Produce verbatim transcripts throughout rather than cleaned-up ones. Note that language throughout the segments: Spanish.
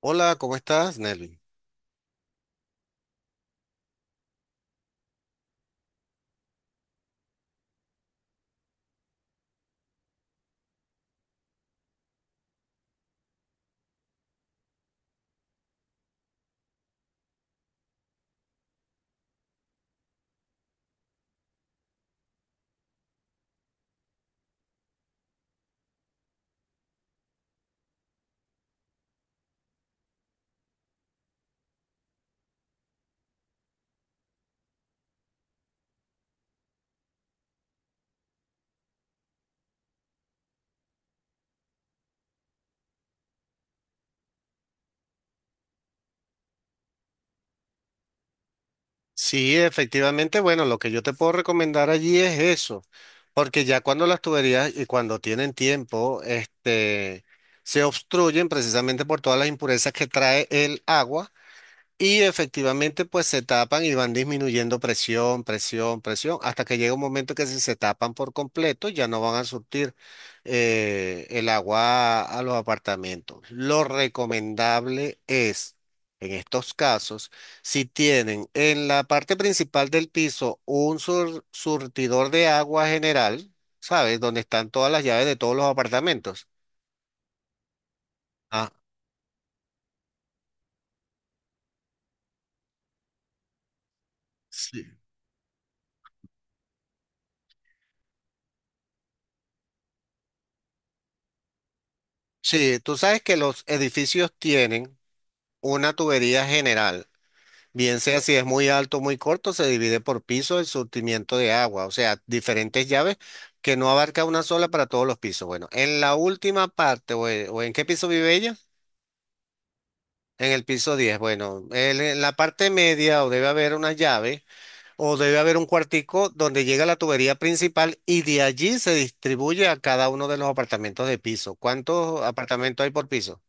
Hola, ¿cómo estás, Nelly? Sí, efectivamente, bueno, lo que yo te puedo recomendar allí es eso, porque ya cuando las tuberías y cuando tienen tiempo, este, se obstruyen precisamente por todas las impurezas que trae el agua. Y efectivamente, pues se tapan y van disminuyendo presión, presión, presión, hasta que llega un momento que si se tapan por completo, ya no van a surtir eh, el agua a los apartamentos. Lo recomendable es, en estos casos, si tienen en la parte principal del piso un sur- surtidor de agua general, ¿sabes? Donde están todas las llaves de todos los apartamentos. Ah, sí. Sí, tú sabes que los edificios tienen una tubería general, bien sea si es muy alto o muy corto, se divide por piso el surtimiento de agua, o sea, diferentes llaves que no abarca una sola para todos los pisos. Bueno, en la última parte, o, e- o ¿en qué piso vive ella? En el piso diez. Bueno, el- en la parte media o debe haber una llave o debe haber un cuartico donde llega la tubería principal y de allí se distribuye a cada uno de los apartamentos de piso. ¿Cuántos apartamentos hay por piso?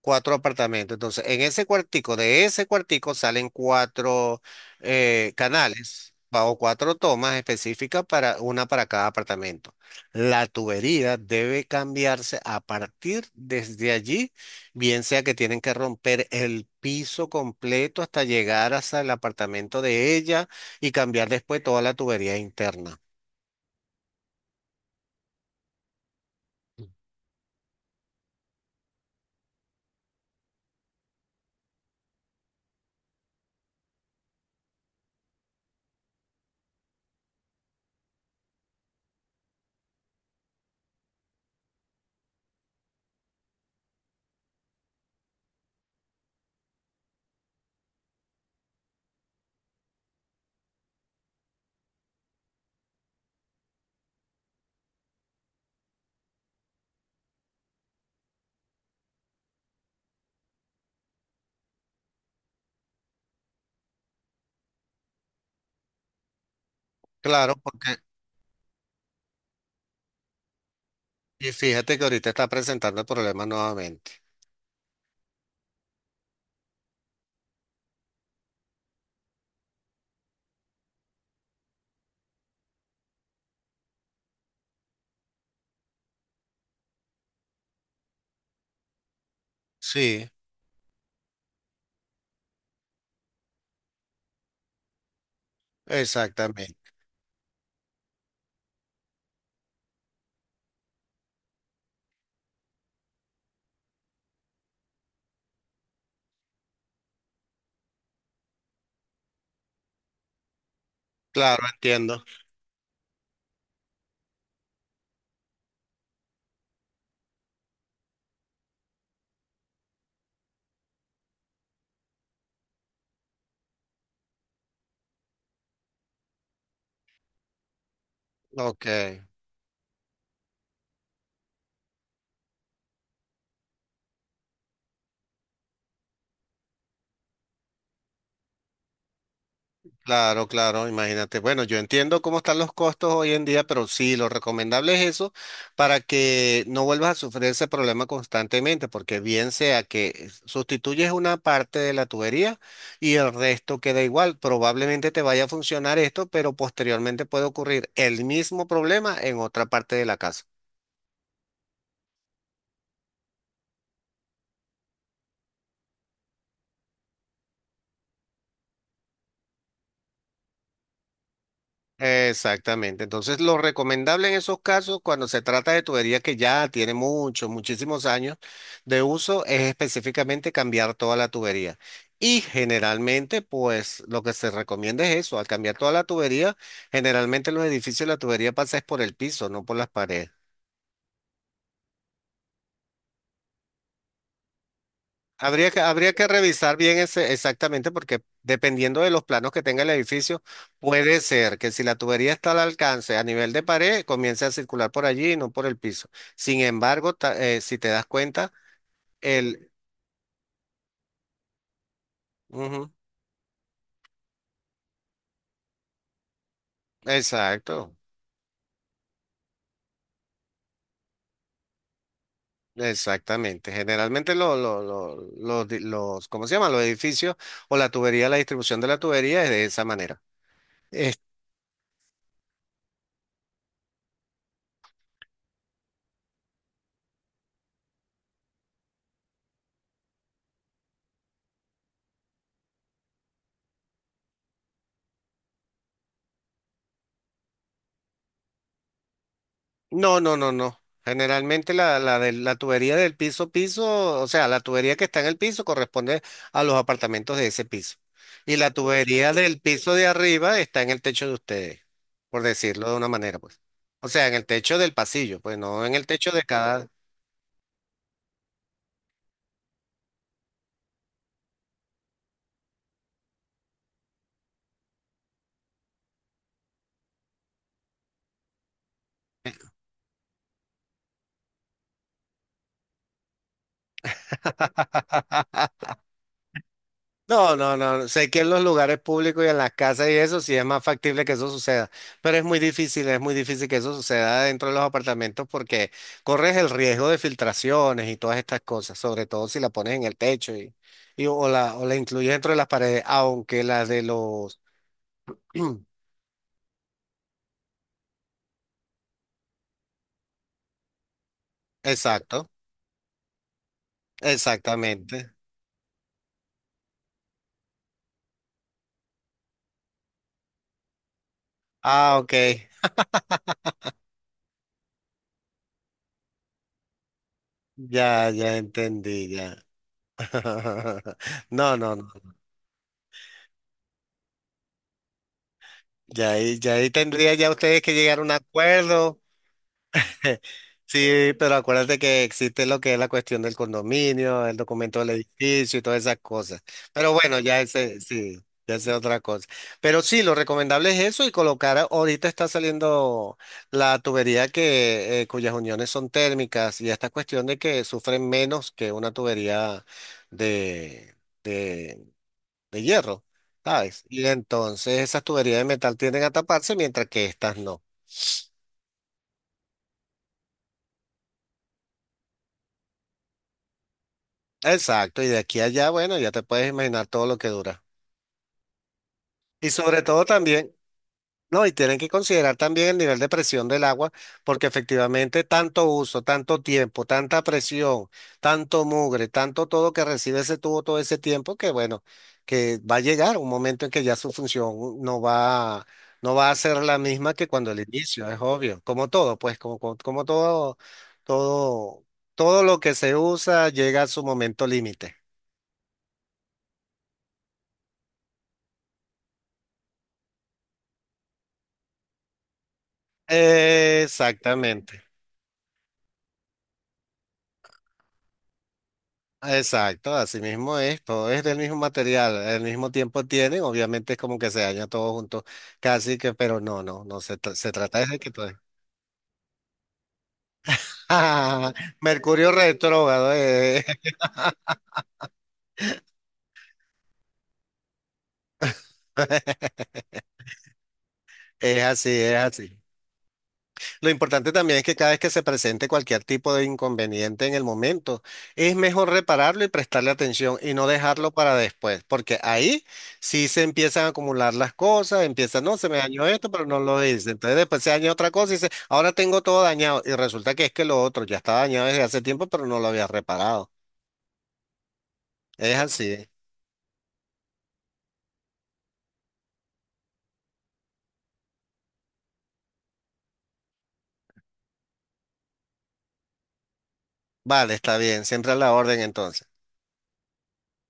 Cuatro apartamentos. Entonces, en ese cuartico, de ese cuartico salen cuatro eh, canales pa- o cuatro tomas específicas para una para cada apartamento. La tubería debe cambiarse a partir desde allí, bien sea que tienen que romper el piso completo hasta llegar hasta el apartamento de ella y cambiar después toda la tubería interna. Claro, porque y fíjate que ahorita está presentando el problema nuevamente. Sí, exactamente. Claro, entiendo. Ok, claro, claro, imagínate. Bueno, yo entiendo cómo están los costos hoy en día, pero sí, lo recomendable es eso para que no vuelvas a sufrir ese problema constantemente, porque bien sea que sustituyes una parte de la tubería y el resto queda igual, probablemente te vaya a funcionar esto, pero posteriormente puede ocurrir el mismo problema en otra parte de la casa. Exactamente. Entonces, lo recomendable en esos casos, cuando se trata de tubería que ya tiene muchos, muchísimos años de uso, es específicamente cambiar toda la tubería. Y generalmente, pues lo que se recomienda es eso, al cambiar toda la tubería, generalmente en los edificios la tubería pasa es por el piso, no por las paredes. Habría que, habría que revisar bien ese exactamente porque dependiendo de los planos que tenga el edificio, puede ser que si la tubería está al alcance a nivel de pared, comience a circular por allí y no por el piso. Sin embargo, ta- eh, si te das cuenta, el... Ujú, exacto, exactamente. Generalmente lo- lo- lo- los, di- los, ¿cómo se llama? Los edificios o la tubería, la distribución de la tubería es de esa manera. No, no, no, no. Generalmente la, la, de, la tubería del piso piso, o sea, la tubería que está en el piso corresponde a los apartamentos de ese piso. Y la tubería del piso de arriba está en el techo de ustedes, por decirlo de una manera, pues. O sea, en el techo del pasillo, pues no en el techo de cada... No, no, no. no, Sé que en los lugares públicos y en las casas y eso sí es más factible que eso suceda, pero es muy difícil, es muy difícil que eso suceda dentro de los apartamentos porque corres el riesgo de filtraciones y todas estas cosas, sobre todo si la pones en el techo y, y o la, o la incluyes dentro de las paredes, aunque las de los... Exacto, exactamente. Ah, ok. Ya, ya entendí, ya. No, no, no. Ya ahí, ya ahí tendría ya ustedes que llegar a un acuerdo. Sí, pero acuérdate que existe lo que es la cuestión del condominio, el documento del edificio y todas esas cosas. Pero bueno, ya ese, sí, ya ese es otra cosa. Pero sí, lo recomendable es eso y colocar, a- ahorita está saliendo la tubería que, eh, cuyas uniones son térmicas y esta cuestión de que sufren menos que una tubería de, de, de hierro, ¿sabes? Y entonces esas tuberías de metal tienden a taparse mientras que estas no. Exacto, y de aquí a allá, bueno, ya te puedes imaginar todo lo que dura. Y sobre todo también, no, y tienen que considerar también el nivel de presión del agua, porque efectivamente tanto uso, tanto tiempo, tanta presión, tanto mugre, tanto todo que recibe ese tubo todo ese tiempo, que bueno, que va a llegar un momento en que ya su función no va, no va a ser la misma que cuando el inicio, es obvio, como todo, pues como, como como todo, todo, todo lo que se usa llega a su momento límite. Exactamente, exacto, así mismo es, todo es del mismo material, el mismo tiempo tienen, obviamente es como que se daña todo junto, casi que, pero no, no, no, se, tra- se trata de que todo es. Mercurio retrógrado, eh, es así, es así. Lo importante también es que cada vez que se presente cualquier tipo de inconveniente en el momento, es mejor repararlo y prestarle atención y no dejarlo para después, porque ahí sí se empiezan a acumular las cosas, empieza, no, se me dañó esto, pero no lo hice. Entonces después se daña otra cosa y dice, ahora tengo todo dañado. Y resulta que es que lo otro ya estaba dañado desde hace tiempo, pero no lo había reparado. Es así. Vale, está bien, siempre a la orden entonces.